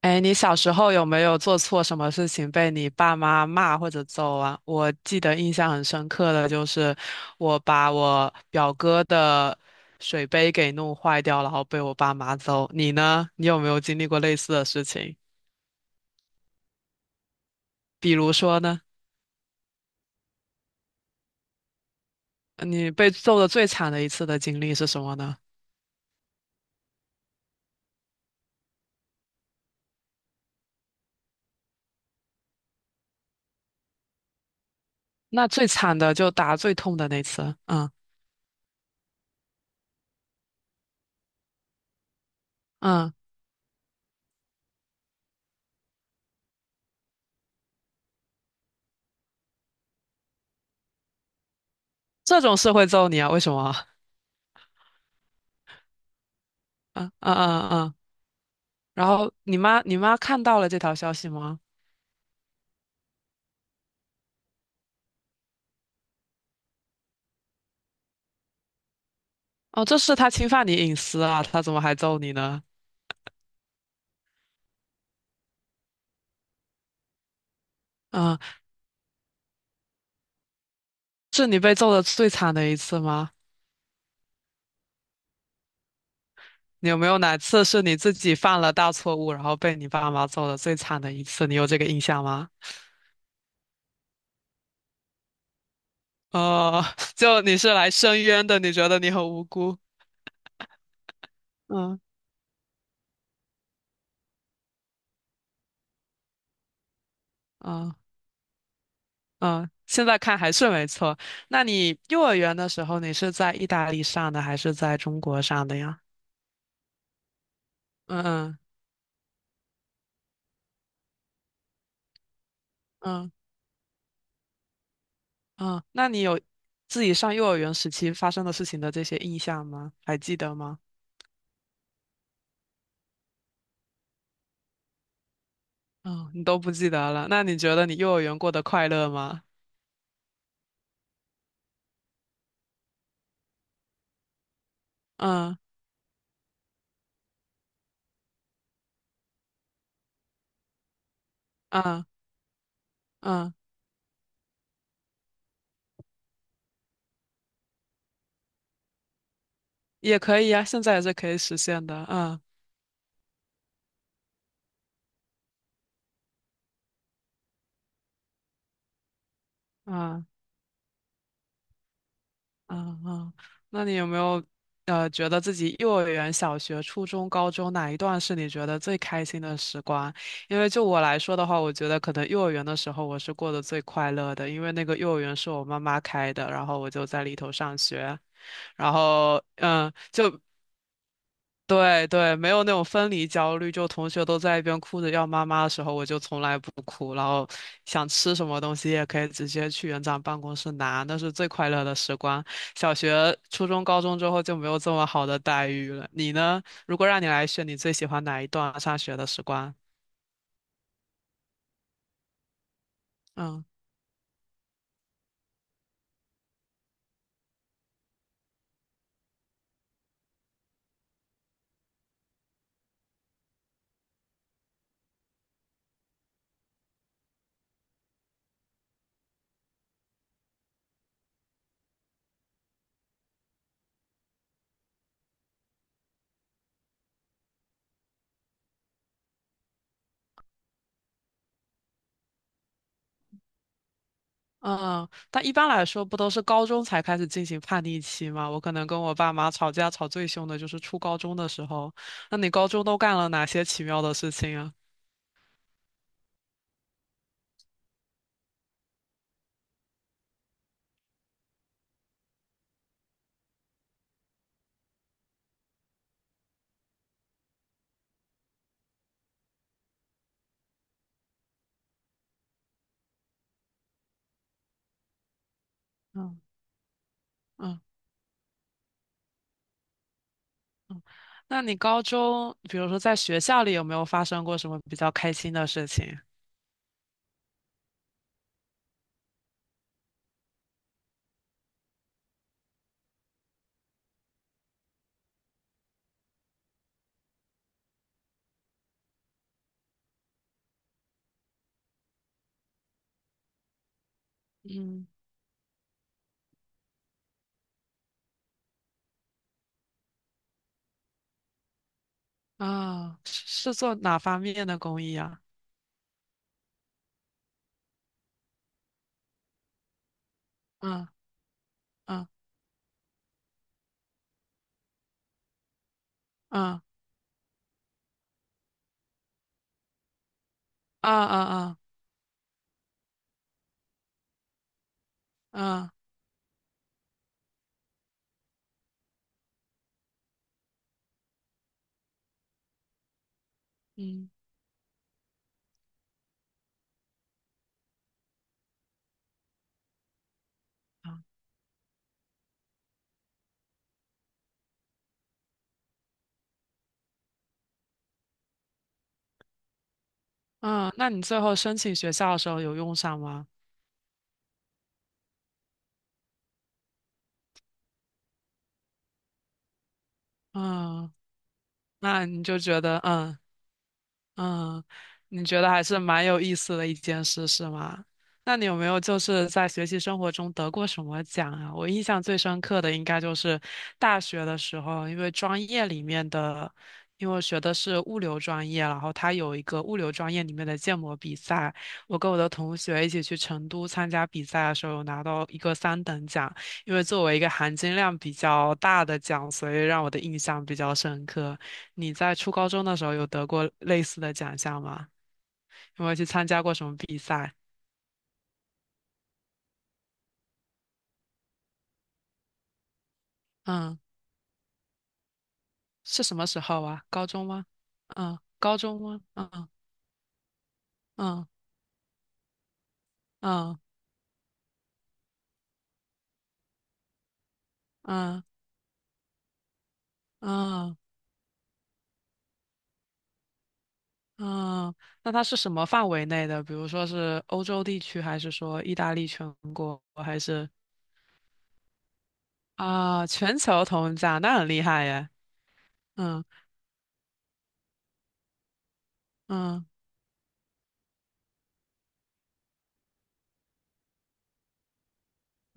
哎，你小时候有没有做错什么事情被你爸妈骂或者揍啊？我记得印象很深刻的就是我把我表哥的水杯给弄坏掉，然后被我爸妈揍。你呢？你有没有经历过类似的事情？比如说呢，你被揍的最惨的一次的经历是什么呢？那最惨的就打最痛的那次。嗯嗯，这种事会揍你啊？为什么啊？嗯嗯嗯嗯。然后你妈看到了这条消息吗？哦，这是他侵犯你隐私啊，他怎么还揍你呢？嗯，是你被揍的最惨的一次吗？你有没有哪次是你自己犯了大错误，然后被你爸妈揍的最惨的一次？你有这个印象吗？哦，就你是来申冤的，你觉得你很无辜？嗯嗯嗯，现在看还是没错。那你幼儿园的时候，你是在意大利上的还是在中国上的呀？嗯嗯嗯嗯，那你有自己上幼儿园时期发生的事情的这些印象吗？还记得吗？嗯，你都不记得了。那你觉得你幼儿园过得快乐吗？嗯嗯嗯，也可以呀，现在也是可以实现的。嗯嗯嗯嗯，那你有没有觉得自己幼儿园、小学、初中、高中哪一段是你觉得最开心的时光？因为就我来说的话，我觉得可能幼儿园的时候我是过得最快乐的，因为那个幼儿园是我妈妈开的，然后我就在里头上学。然后嗯，就对对，没有那种分离焦虑，就同学都在一边哭着要妈妈的时候，我就从来不哭，然后想吃什么东西也可以直接去园长办公室拿，那是最快乐的时光。小学、初中、高中之后就没有这么好的待遇了。你呢？如果让你来选，你最喜欢哪一段上学的时光？嗯。嗯，但一般来说，不都是高中才开始进行叛逆期吗？我可能跟我爸妈吵架吵最凶的就是初高中的时候。那你高中都干了哪些奇妙的事情啊？嗯嗯，那你高中，比如说在学校里有没有发生过什么比较开心的事情？嗯啊，是做哪方面的公益啊？嗯嗯嗯啊啊啊啊嗯嗯，那你最后申请学校的时候有用上吗？嗯，那你就觉得嗯。嗯，你觉得还是蛮有意思的一件事，是吗？那你有没有就是在学习生活中得过什么奖啊？我印象最深刻的应该就是大学的时候，因为专业里面的，因为我学的是物流专业，然后它有一个物流专业里面的建模比赛，我跟我的同学一起去成都参加比赛的时候，有拿到一个三等奖，因为作为一个含金量比较大的奖，所以让我的印象比较深刻。你在初高中的时候有得过类似的奖项吗？有没有去参加过什么比赛？嗯，是什么时候啊？高中吗？嗯，高中吗？嗯嗯嗯嗯嗯嗯。那它是什么范围内的？比如说是欧洲地区，还是说意大利全国，还是啊全球同奖？那很厉害耶。嗯，嗯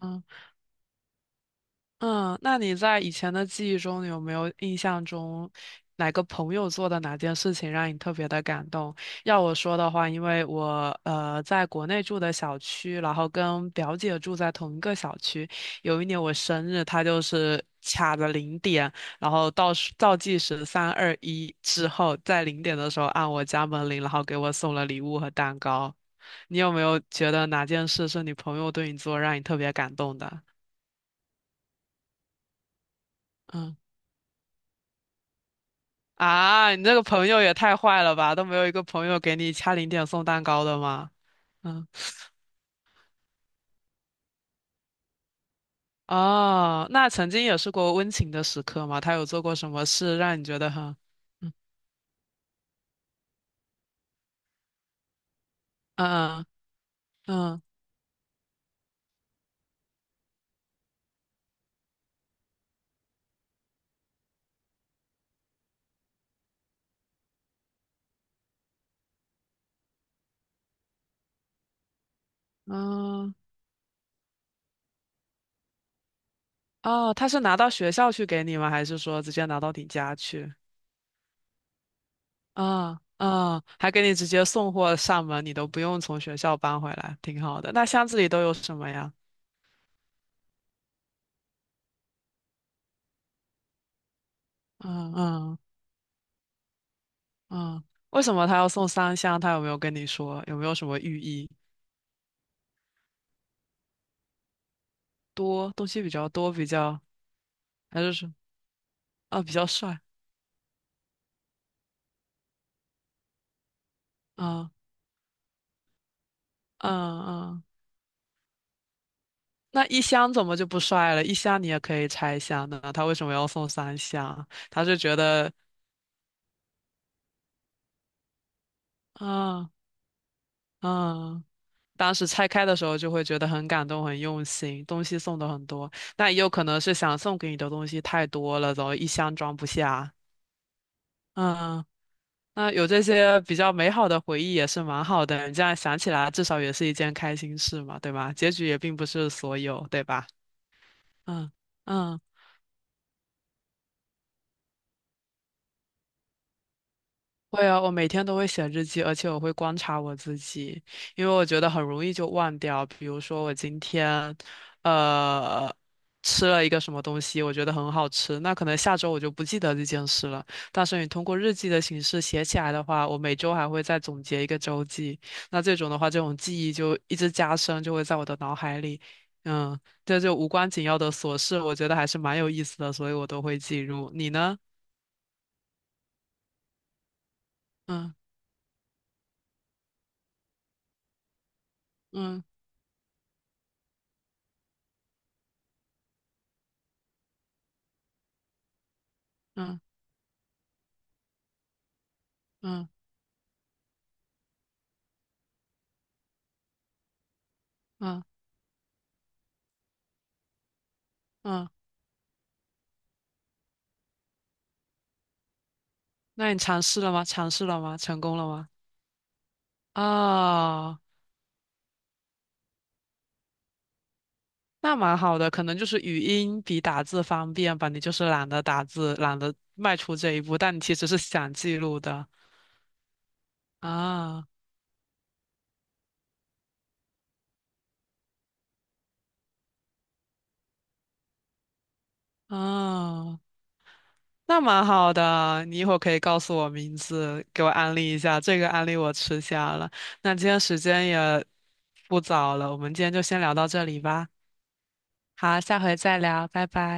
嗯嗯，那你在以前的记忆中，你有没有印象中哪个朋友做的哪件事情让你特别的感动？要我说的话，因为我在国内住的小区，然后跟表姐住在同一个小区。有一年我生日，她就是卡着零点，然后倒数倒计时三二一之后，在零点的时候按我家门铃，然后给我送了礼物和蛋糕。你有没有觉得哪件事是你朋友对你做让你特别感动的？嗯。啊，你这个朋友也太坏了吧，都没有一个朋友给你掐零点送蛋糕的吗？嗯，哦，那曾经也是过温情的时刻吗？他有做过什么事让你觉得很，嗯嗯嗯嗯，哦，他是拿到学校去给你吗？还是说直接拿到你家去？啊啊，还给你直接送货上门，你都不用从学校搬回来，挺好的。那箱子里都有什么呀？嗯嗯嗯，为什么他要送三箱？他有没有跟你说？有没有什么寓意？多，东西比较多，比较还是说啊比较帅啊嗯嗯，那一箱怎么就不帅了？一箱你也可以拆一箱的，他为什么要送三箱？他是觉得啊嗯，当时拆开的时候就会觉得很感动、很用心，东西送的很多，但也有可能是想送给你的东西太多了，然后一箱装不下。嗯，那有这些比较美好的回忆也是蛮好的，你这样想起来，至少也是一件开心事嘛，对吧？结局也并不是所有，对吧？嗯嗯，会啊，我每天都会写日记，而且我会观察我自己，因为我觉得很容易就忘掉。比如说我今天，呃，吃了一个什么东西，我觉得很好吃，那可能下周我就不记得这件事了。但是你通过日记的形式写起来的话，我每周还会再总结一个周记，那这种的话，这种记忆就一直加深，就会在我的脑海里。嗯，这就无关紧要的琐事，我觉得还是蛮有意思的，所以我都会记录。你呢？嗯嗯。嗯嗯嗯嗯，那你尝试了吗？尝试了吗？成功了吗？哦，那蛮好的，可能就是语音比打字方便吧。你就是懒得打字，懒得迈出这一步，但你其实是想记录的啊啊，那蛮好的。你一会儿可以告诉我名字，给我安利一下。这个安利我吃下了。那今天时间也不早了，我们今天就先聊到这里吧。好，下回再聊，拜拜。